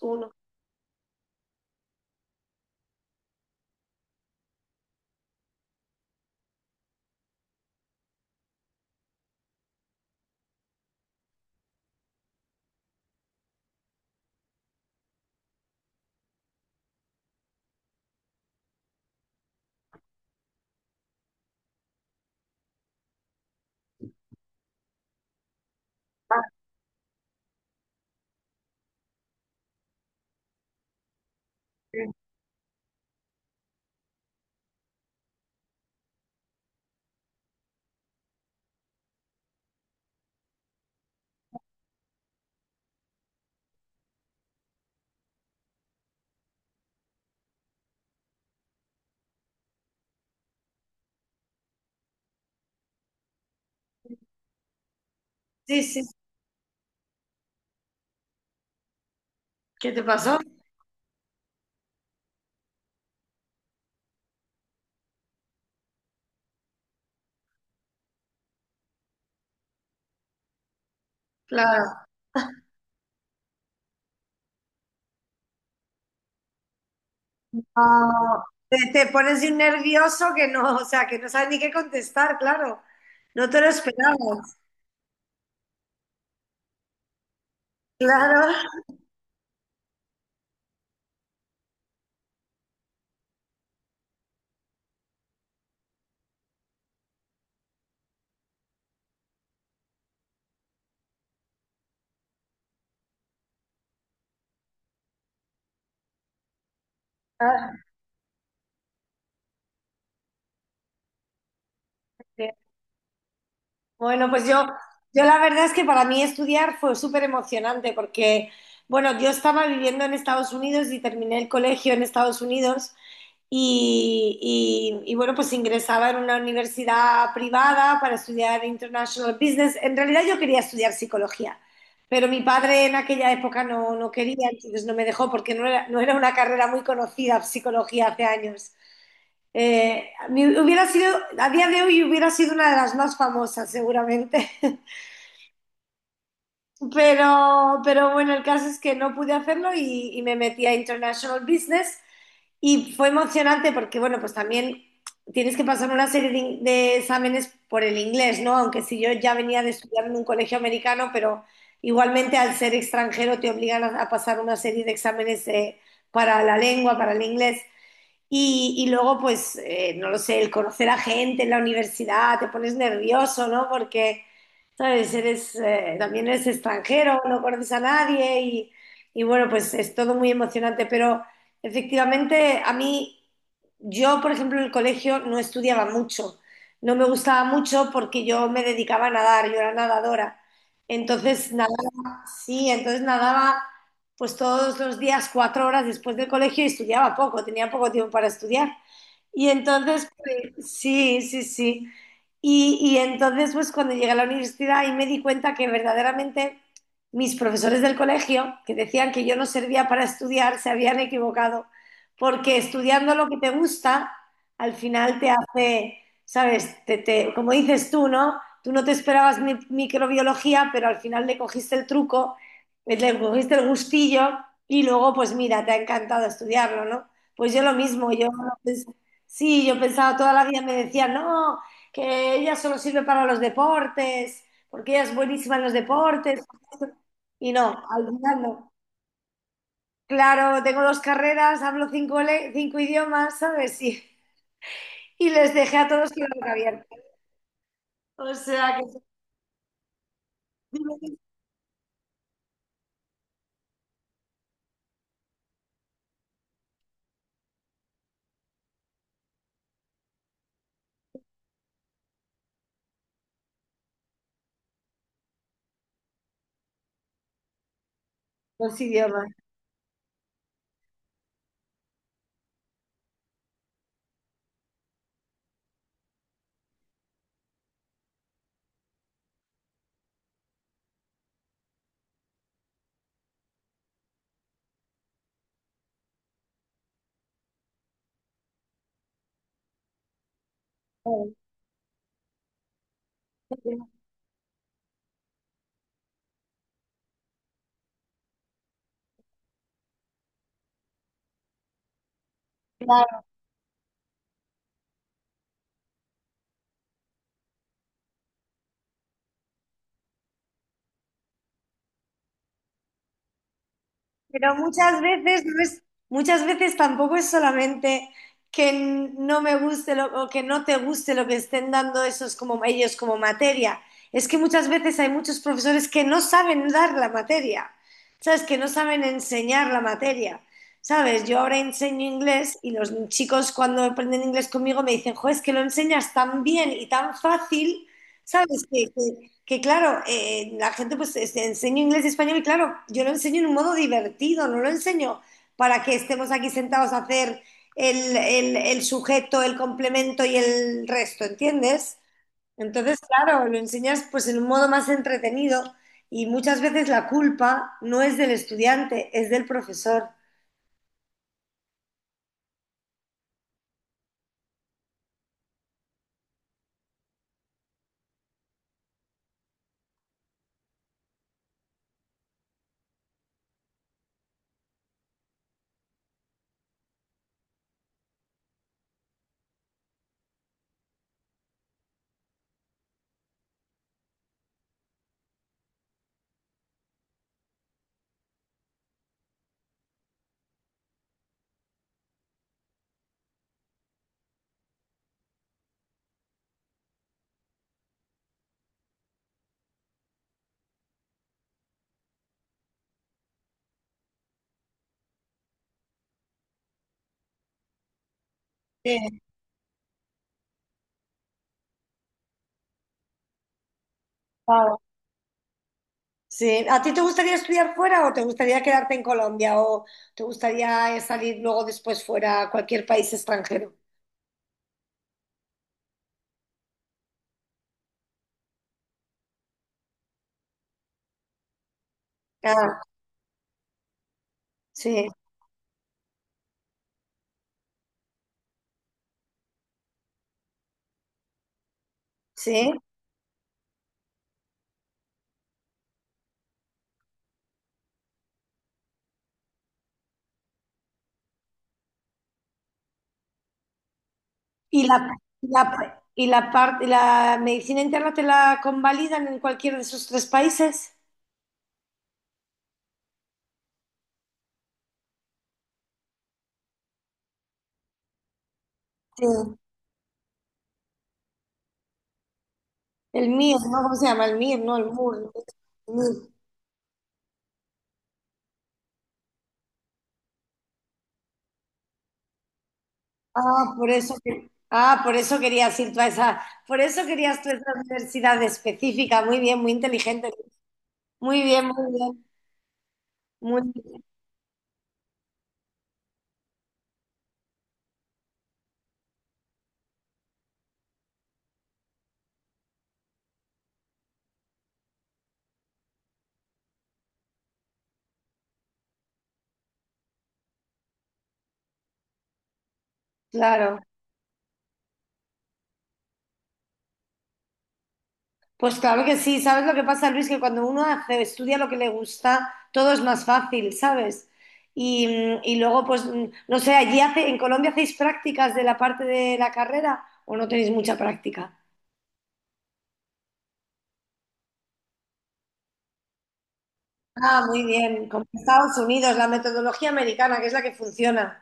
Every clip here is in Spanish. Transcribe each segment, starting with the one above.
Uno. Sí, sí. ¿Qué te pasó? Claro. No, te pones de un nervioso que no, o sea, que no sabes ni qué contestar, claro. No te lo esperabas, claro. Ah, bien. Bueno, pues yo la verdad es que para mí estudiar fue súper emocionante porque, bueno, yo estaba viviendo en Estados Unidos y terminé el colegio en Estados Unidos. Bueno, pues ingresaba en una universidad privada para estudiar International Business. En realidad yo quería estudiar psicología, pero mi padre en aquella época no quería, entonces no me dejó porque no era una carrera muy conocida, psicología, hace años. Hubiera sido, a día de hoy hubiera sido una de las más famosas seguramente, pero bueno, el caso es que no pude hacerlo y me metí a International Business. Y fue emocionante porque, bueno, pues también tienes que pasar una serie de exámenes por el inglés, ¿no? Aunque si yo ya venía de estudiar en un colegio americano, pero igualmente al ser extranjero te obligan a pasar una serie de exámenes para la lengua, para el inglés. Y luego, pues, no lo sé, el conocer a gente en la universidad, te pones nervioso, ¿no? Porque, ¿sabes? Eres, también eres extranjero, no conoces a nadie y, y bueno, pues es todo muy emocionante, pero efectivamente a mí, yo por ejemplo en el colegio no estudiaba mucho, no me gustaba mucho porque yo me dedicaba a nadar, yo era nadadora, entonces nadaba, sí, entonces nadaba pues todos los días cuatro horas después del colegio y estudiaba poco, tenía poco tiempo para estudiar. Y entonces, pues, sí, sí, sí. Y entonces, pues cuando llegué a la universidad ahí me di cuenta que verdaderamente mis profesores del colegio, que decían que yo no servía para estudiar, se habían equivocado, porque estudiando lo que te gusta, al final te hace, ¿sabes? Como dices tú, ¿no? Tú no te esperabas microbiología, pero al final le cogiste el truco, le cogiste el gustillo y luego, pues mira, te ha encantado estudiarlo, ¿no? Pues yo lo mismo, yo. Sí, yo pensaba toda la vida, me decían, no, que ella solo sirve para los deportes, porque ella es buenísima en los deportes. Y no, al final no. Claro, tengo dos carreras, hablo cinco, cinco idiomas, ¿sabes? Y les dejé a todos con la boca abierta. O sea, que son dos idiomas. Pero muchas veces no es, muchas veces tampoco es solamente que no me guste lo, o que no te guste lo que estén dando esos como ellos como materia. Es que muchas veces hay muchos profesores que no saben dar la materia, ¿sabes? Que no saben enseñar la materia. ¿Sabes? Yo ahora enseño inglés y los chicos cuando aprenden inglés conmigo me dicen, jo, es que lo enseñas tan bien y tan fácil, ¿sabes? Que claro, la gente pues este, enseño inglés y español y claro, yo lo enseño en un modo divertido, no lo enseño para que estemos aquí sentados a hacer el sujeto, el complemento y el resto, ¿entiendes? Entonces, claro, lo enseñas pues en un modo más entretenido y muchas veces la culpa no es del estudiante, es del profesor. Sí, claro. Sí. ¿A ti te gustaría estudiar fuera o te gustaría quedarte en Colombia o te gustaría salir luego después fuera a cualquier país extranjero? Sí, sí. Y y la parte, la medicina interna te la convalidan en cualquiera de esos tres países. Sí. El MIR, ¿no? ¿Cómo se llama? El MIR, no, el MUR. ¿No? El MIR. Ah, por eso ah, por eso querías ir tú a esa, por eso querías tú a esa universidad específica. Muy bien, muy inteligente. Muy bien, muy bien. Muy claro. Pues claro que sí, ¿sabes lo que pasa, Luis? Que cuando uno estudia lo que le gusta, todo es más fácil, ¿sabes? Y, y luego, pues, no sé, allí hace, en Colombia hacéis prácticas de la parte de la carrera o no tenéis mucha práctica. Ah, muy bien, como en Estados Unidos, la metodología americana, que es la que funciona.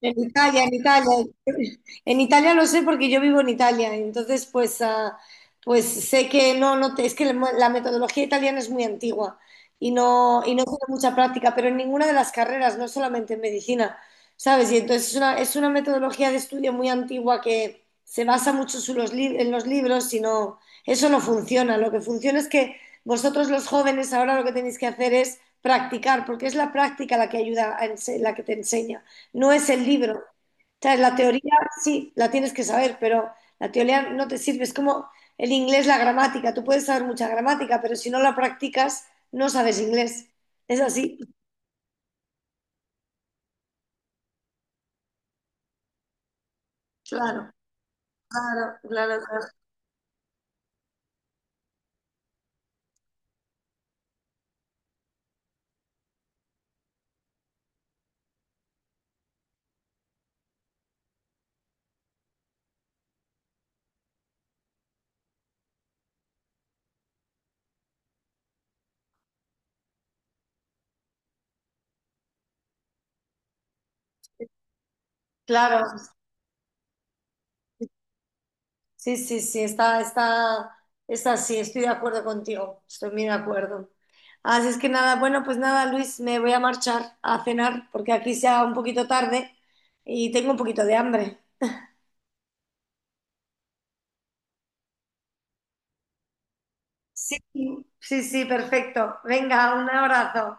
En Italia, en Italia. En Italia lo sé porque yo vivo en Italia, entonces pues, ah, pues sé que no, es que la metodología italiana es muy antigua y no tiene mucha práctica, pero en ninguna de las carreras, no solamente en medicina, ¿sabes? Y entonces es una metodología de estudio muy antigua que se basa mucho en los libros y no, eso no funciona. Lo que funciona es que vosotros los jóvenes ahora lo que tenéis que hacer es practicar, porque es la práctica la que ayuda, la que te enseña no es el libro. O sea, la teoría sí, la tienes que saber, pero la teoría no te sirve. Es como el inglés, la gramática. Tú puedes saber mucha gramática, pero si no la practicas, no sabes inglés. Es así. Claro, claro, claro, claro. Claro, sí, sí, sí, está, está, está así, estoy de acuerdo contigo, estoy muy de acuerdo. Así es que nada, bueno, pues nada, Luis, me voy a marchar a cenar porque aquí sea un poquito tarde y tengo un poquito de hambre. Sí, sí, sí, perfecto. Venga, un abrazo.